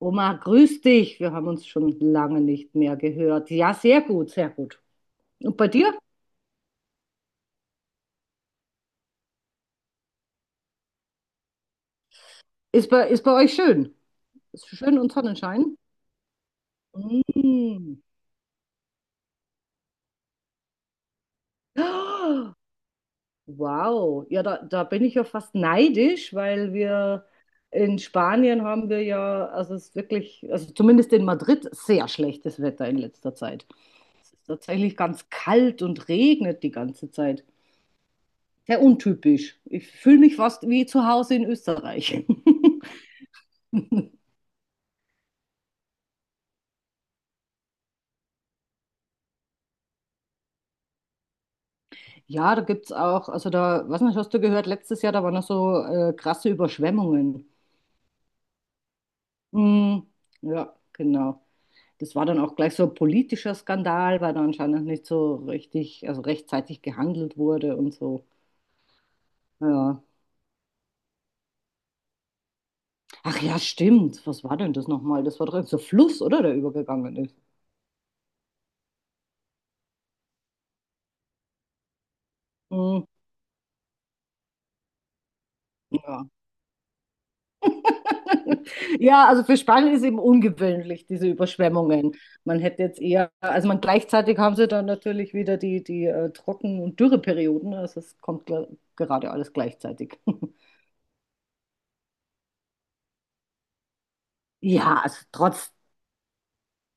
Oma, grüß dich. Wir haben uns schon lange nicht mehr gehört. Ja, sehr gut, sehr gut. Und bei dir? Ist bei euch schön? Ist schön und Sonnenschein? Mm. Oh, wow, ja, da bin ich ja fast neidisch, weil wir in Spanien haben wir ja, also es ist wirklich, also zumindest in Madrid, sehr schlechtes Wetter in letzter Zeit. Es ist tatsächlich ganz kalt und regnet die ganze Zeit. Sehr untypisch. Ich fühle mich fast wie zu Hause in Österreich. Ja, da gibt's auch, also da, was nicht, hast du gehört, letztes Jahr, da waren noch so krasse Überschwemmungen. Mm, ja, genau. Das war dann auch gleich so ein politischer Skandal, weil da anscheinend nicht so richtig, also rechtzeitig gehandelt wurde und so. Ja. Ach ja, stimmt. Was war denn das nochmal? Das war doch so Fluss, oder? Der übergegangen ist. Mm, ja. Ja, also für Spanien ist eben ungewöhnlich, diese Überschwemmungen. Man hätte jetzt eher, also man gleichzeitig haben sie dann natürlich wieder die, die Trocken- und Dürreperioden. Also es kommt gerade alles gleichzeitig. Ja, also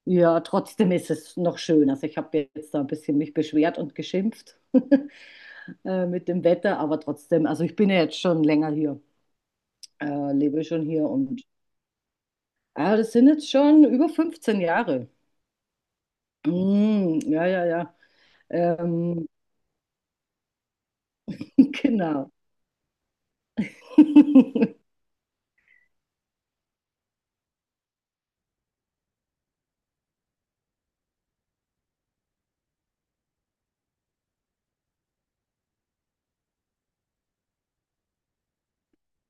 ja, trotzdem ist es noch schön. Also ich habe jetzt da ein bisschen mich beschwert und geschimpft mit dem Wetter, aber trotzdem, also ich bin ja jetzt schon länger hier, lebe schon hier und das sind jetzt schon über 15 Jahre. Mm, ja, ja, ja. Ähm, Genau.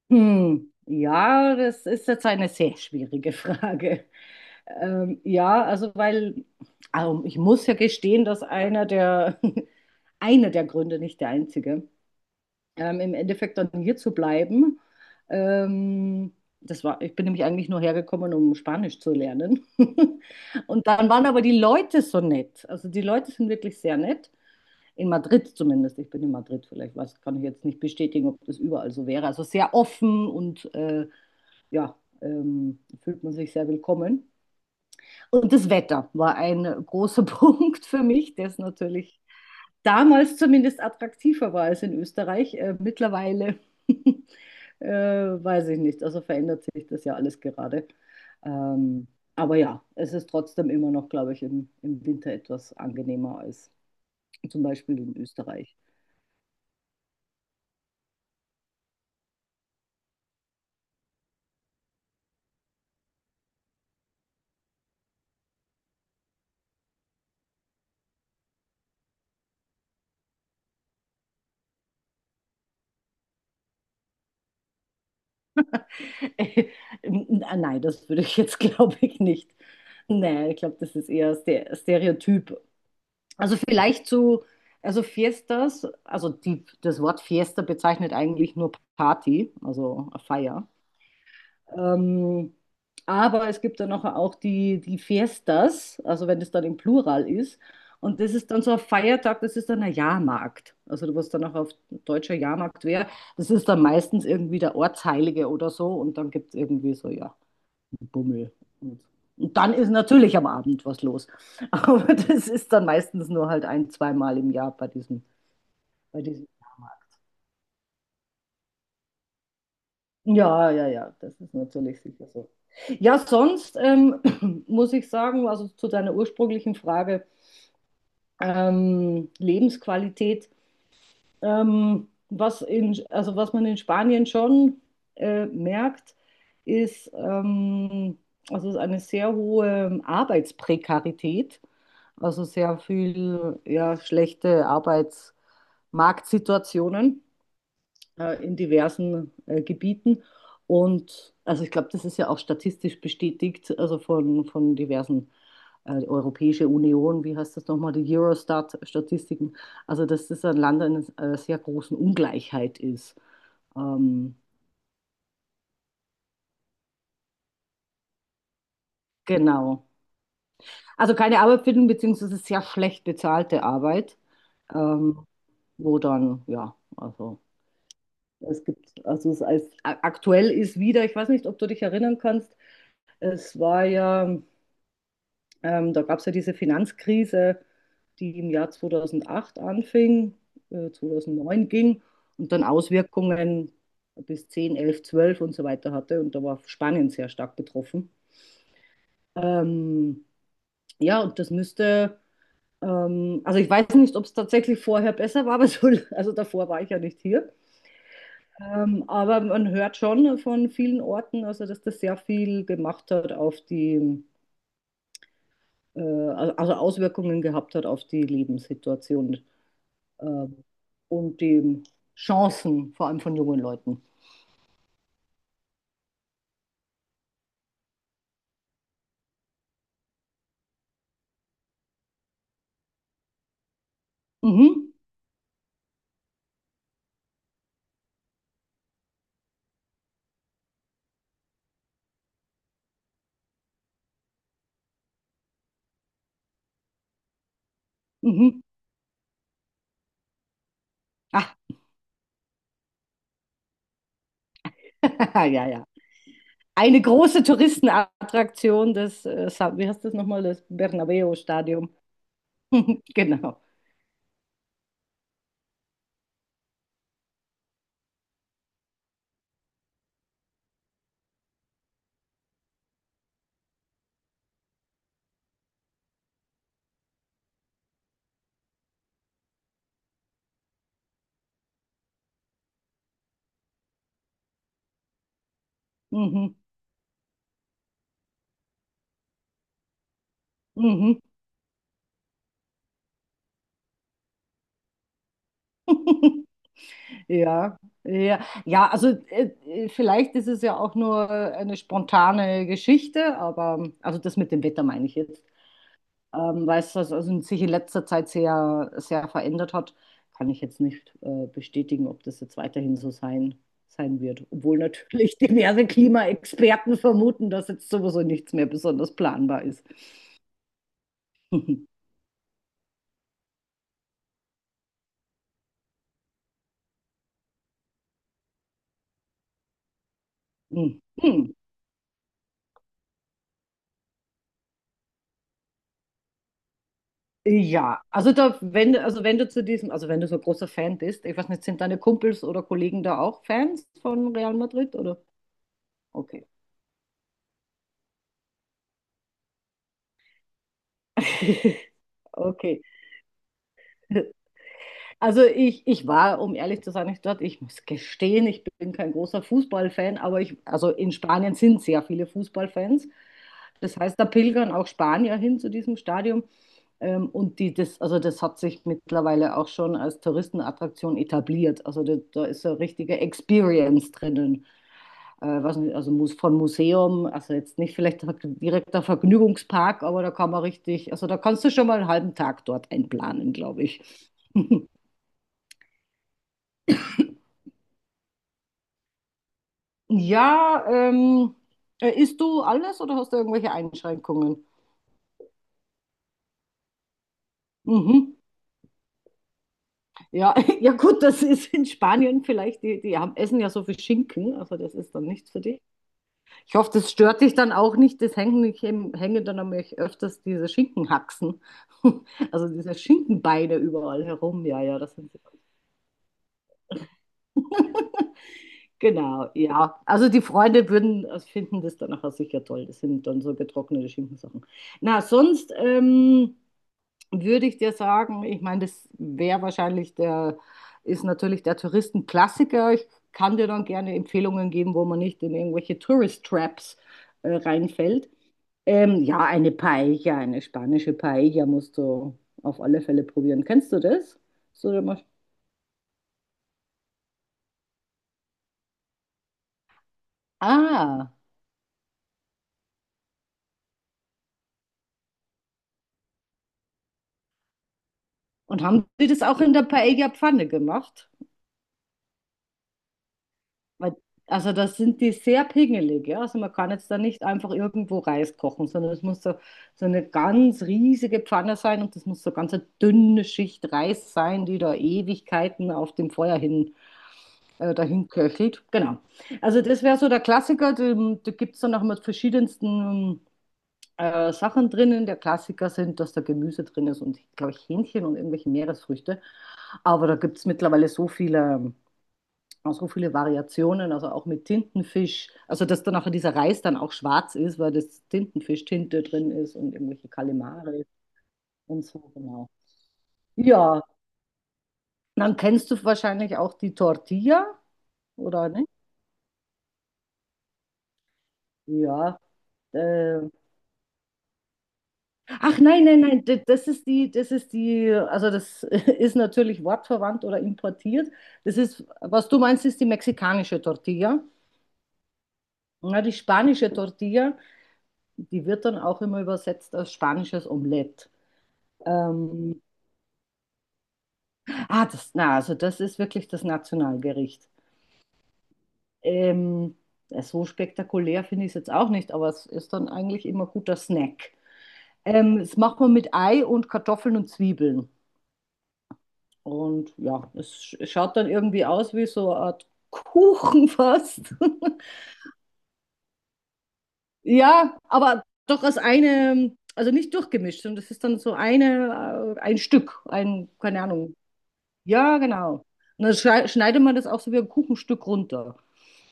Hm. Ja, das ist jetzt eine sehr schwierige Frage. Ja, also weil ich muss ja gestehen, dass einer der, einer der Gründe, nicht der einzige, im Endeffekt dann hier zu bleiben. Ähm, das war, ich bin nämlich eigentlich nur hergekommen, um Spanisch zu lernen. Und dann waren aber die Leute so nett. Also die Leute sind wirklich sehr nett. In Madrid zumindest. Ich bin in Madrid vielleicht. Was kann ich jetzt nicht bestätigen, ob das überall so wäre. Also sehr offen und ja, fühlt man sich sehr willkommen. Und das Wetter war ein großer Punkt für mich, das natürlich damals zumindest attraktiver war als in Österreich. Mittlerweile weiß ich nicht. Also verändert sich das ja alles gerade. Ähm, aber ja, es ist trotzdem immer noch, glaube ich, im, im Winter etwas angenehmer als zum Beispiel in Österreich. Nein, das würde ich jetzt, glaube ich, nicht. Nein, ich glaube, das ist eher Stereotyp. Also vielleicht zu, also Fiestas, das Wort Fiesta bezeichnet eigentlich nur Party, also eine Feier. Ähm, aber es gibt dann noch auch die, Fiestas, also wenn das dann im Plural ist. Und das ist dann so ein Feiertag, das ist dann ein Jahrmarkt. Also was dann auch auf deutscher Jahrmarkt wäre, das ist dann meistens irgendwie der Ortsheilige oder so. Und dann gibt es irgendwie so, ja. Bummel. Und dann ist natürlich am Abend was los. Aber das ist dann meistens nur halt ein, zweimal im Jahr bei diesem Jahrmarkt. Ja, ja, ja, das ist natürlich sicher so. Ja, sonst muss ich sagen, also zu deiner ursprünglichen Frage, Lebensqualität, was in, also was man in Spanien schon merkt, ist, also es ist eine sehr hohe Arbeitsprekarität, also sehr viel ja, schlechte Arbeitsmarktsituationen in diversen Gebieten. Und also ich glaube, das ist ja auch statistisch bestätigt, also von diversen die Europäische Union, wie heißt das nochmal, die Eurostat-Statistiken. Also dass das ein Land in einer sehr großen Ungleichheit ist. Ähm, genau. Also keine Arbeit finden, beziehungsweise sehr schlecht bezahlte Arbeit, ähm, wo dann, ja, also. Es gibt, also es als, aktuell ist wieder, ich weiß nicht, ob du dich erinnern kannst, es war ja da gab es ja diese Finanzkrise, die im Jahr 2008 anfing, 2009 ging und dann Auswirkungen bis 10, 11, 12 und so weiter hatte. Und da war Spanien sehr stark betroffen. Ähm, ja, und das müsste, also ich weiß nicht, ob es tatsächlich vorher besser war, aber so, also davor war ich ja nicht hier. Aber man hört schon von vielen Orten, also dass das sehr viel gemacht hat auf die, also Auswirkungen gehabt hat auf die Lebenssituation äh, und den Chancen, vor allem von jungen Leuten. Mhm, mhm. Ach, ja, ja. Eine große Touristenattraktion wie heißt das nochmal, das Bernabeu-Stadion. Genau. Mhm, mhm. Ja, ja, ja, also vielleicht ist es ja auch nur eine spontane Geschichte, aber also das mit dem Wetter meine ich jetzt. Weil es das also sich in letzter Zeit sehr, sehr verändert hat, kann ich jetzt nicht bestätigen, ob das jetzt weiterhin so sein wird. Obwohl natürlich diverse Klimaexperten vermuten, dass jetzt sowieso nichts mehr besonders planbar ist. Hm. Hm. Ja, also da, wenn, du- also wenn du zu diesem, also wenn du so ein großer Fan bist, ich weiß nicht, sind deine Kumpels oder Kollegen da auch Fans von Real Madrid oder? Okay. Okay. Also ich war, um ehrlich zu sein, nicht dort. Ich muss gestehen, ich bin kein großer Fußballfan, aber ich, also in Spanien sind sehr viele Fußballfans. Das heißt, da pilgern auch Spanier hin zu diesem Stadion. Und die, das, also das hat sich mittlerweile auch schon als Touristenattraktion etabliert. Also da, da ist so eine richtige Experience drinnen. Weiß nicht, also muss von Museum, also jetzt nicht vielleicht direkter Vergnügungspark, aber da kann man richtig, also da kannst du schon mal einen halben Tag dort einplanen, glaube ich. Ja, isst du alles oder hast du irgendwelche Einschränkungen? Mhm. Ja, ja gut, das ist in Spanien vielleicht, die haben, essen ja so viel Schinken, also das ist dann nichts für dich. Ich hoffe, das stört dich dann auch nicht, das hängen, ich hänge dann nämlich öfters diese Schinkenhaxen, also diese Schinkenbeine überall herum, ja, ja, das sind sie. Genau, ja. Also die Freunde würden also finden das dann nachher sicher toll. Das sind dann so getrocknete Schinkensachen. Na, sonst, würde ich dir sagen, ich meine, das wäre wahrscheinlich der, ist natürlich der Touristenklassiker. Ich kann dir dann gerne Empfehlungen geben, wo man nicht in irgendwelche Tourist Traps reinfällt. Ja, eine Paella, eine spanische Paella musst du auf alle Fälle probieren. Kennst du das? So, ah, und haben die das auch in der Paella-Pfanne gemacht? Weil, also das sind die sehr pingelig, ja. Also man kann jetzt da nicht einfach irgendwo Reis kochen, sondern es muss so, so eine ganz riesige Pfanne sein und das muss so ganz eine dünne Schicht Reis sein, die da Ewigkeiten auf dem Feuer hin, dahin köchelt. Genau. Also das wäre so der Klassiker. Da gibt es dann auch immer verschiedensten Sachen drinnen. Der Klassiker sind, dass da Gemüse drin ist und, glaube ich, Hähnchen und irgendwelche Meeresfrüchte. Aber da gibt es mittlerweile so viele Variationen, also auch mit Tintenfisch. Also, dass dann auch dieser Reis dann auch schwarz ist, weil das Tintenfisch-Tinte drin ist und irgendwelche Kalimare und so, genau. Ja, dann kennst du wahrscheinlich auch die Tortilla, oder nicht? Ja. Äh, ach nein, nein, nein, das ist die, also das ist natürlich wortverwandt oder importiert. Das ist, was du meinst, ist die mexikanische Tortilla. Na, die spanische Tortilla, die wird dann auch immer übersetzt als spanisches Omelett. Ähm, das, na, also das ist wirklich das Nationalgericht. Ähm, ja, so spektakulär finde ich es jetzt auch nicht, aber es ist dann eigentlich immer guter Snack. Das macht man mit Ei und Kartoffeln und Zwiebeln. Und ja, es schaut dann irgendwie aus wie so eine Art Kuchen fast. Ja, aber doch als eine, also nicht durchgemischt, und das ist dann so eine, ein Stück, ein, keine Ahnung. Ja, genau. Und dann schneidet man das auch so wie ein Kuchenstück runter.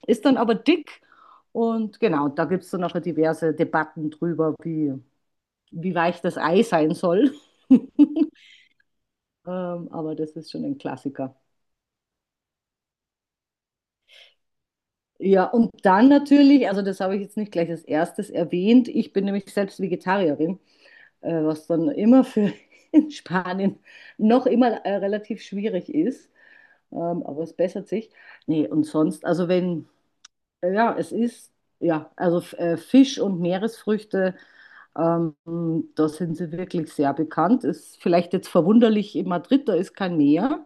Ist dann aber dick und genau, da gibt es dann nachher diverse Debatten drüber, wie, wie weich das Ei sein soll. ähm, aber das ist schon ein Klassiker. Ja, und dann natürlich, also das habe ich jetzt nicht gleich als erstes erwähnt, ich bin nämlich selbst Vegetarierin, was dann immer für in Spanien noch immer relativ schwierig ist, aber es bessert sich. Nee, und sonst, also wenn, ja, es ist, ja, also Fisch und Meeresfrüchte Ähm, Da sind sie wirklich sehr bekannt. Ist vielleicht jetzt verwunderlich in Madrid, da ist kein Meer.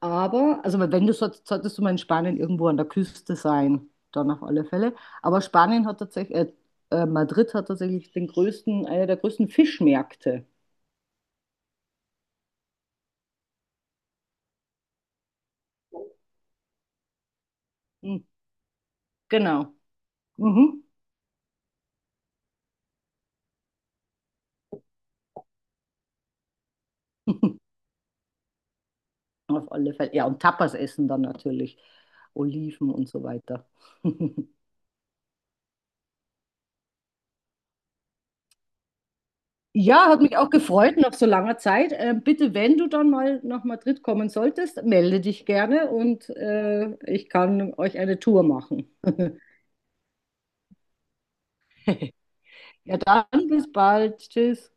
Aber, also wenn du solltest, solltest du mal in Spanien irgendwo an der Küste sein, dann auf alle Fälle. Aber Spanien hat tatsächlich, Madrid hat tatsächlich den größten, einer der größten Fischmärkte. Hm, genau. Mhm. Auf alle Fälle. Ja, und Tapas essen dann natürlich. Oliven und so weiter. Ja, hat mich auch gefreut nach so langer Zeit. Bitte, wenn du dann mal nach Madrid kommen solltest, melde dich gerne und ich kann euch eine Tour machen. Ja, dann bis bald. Tschüss.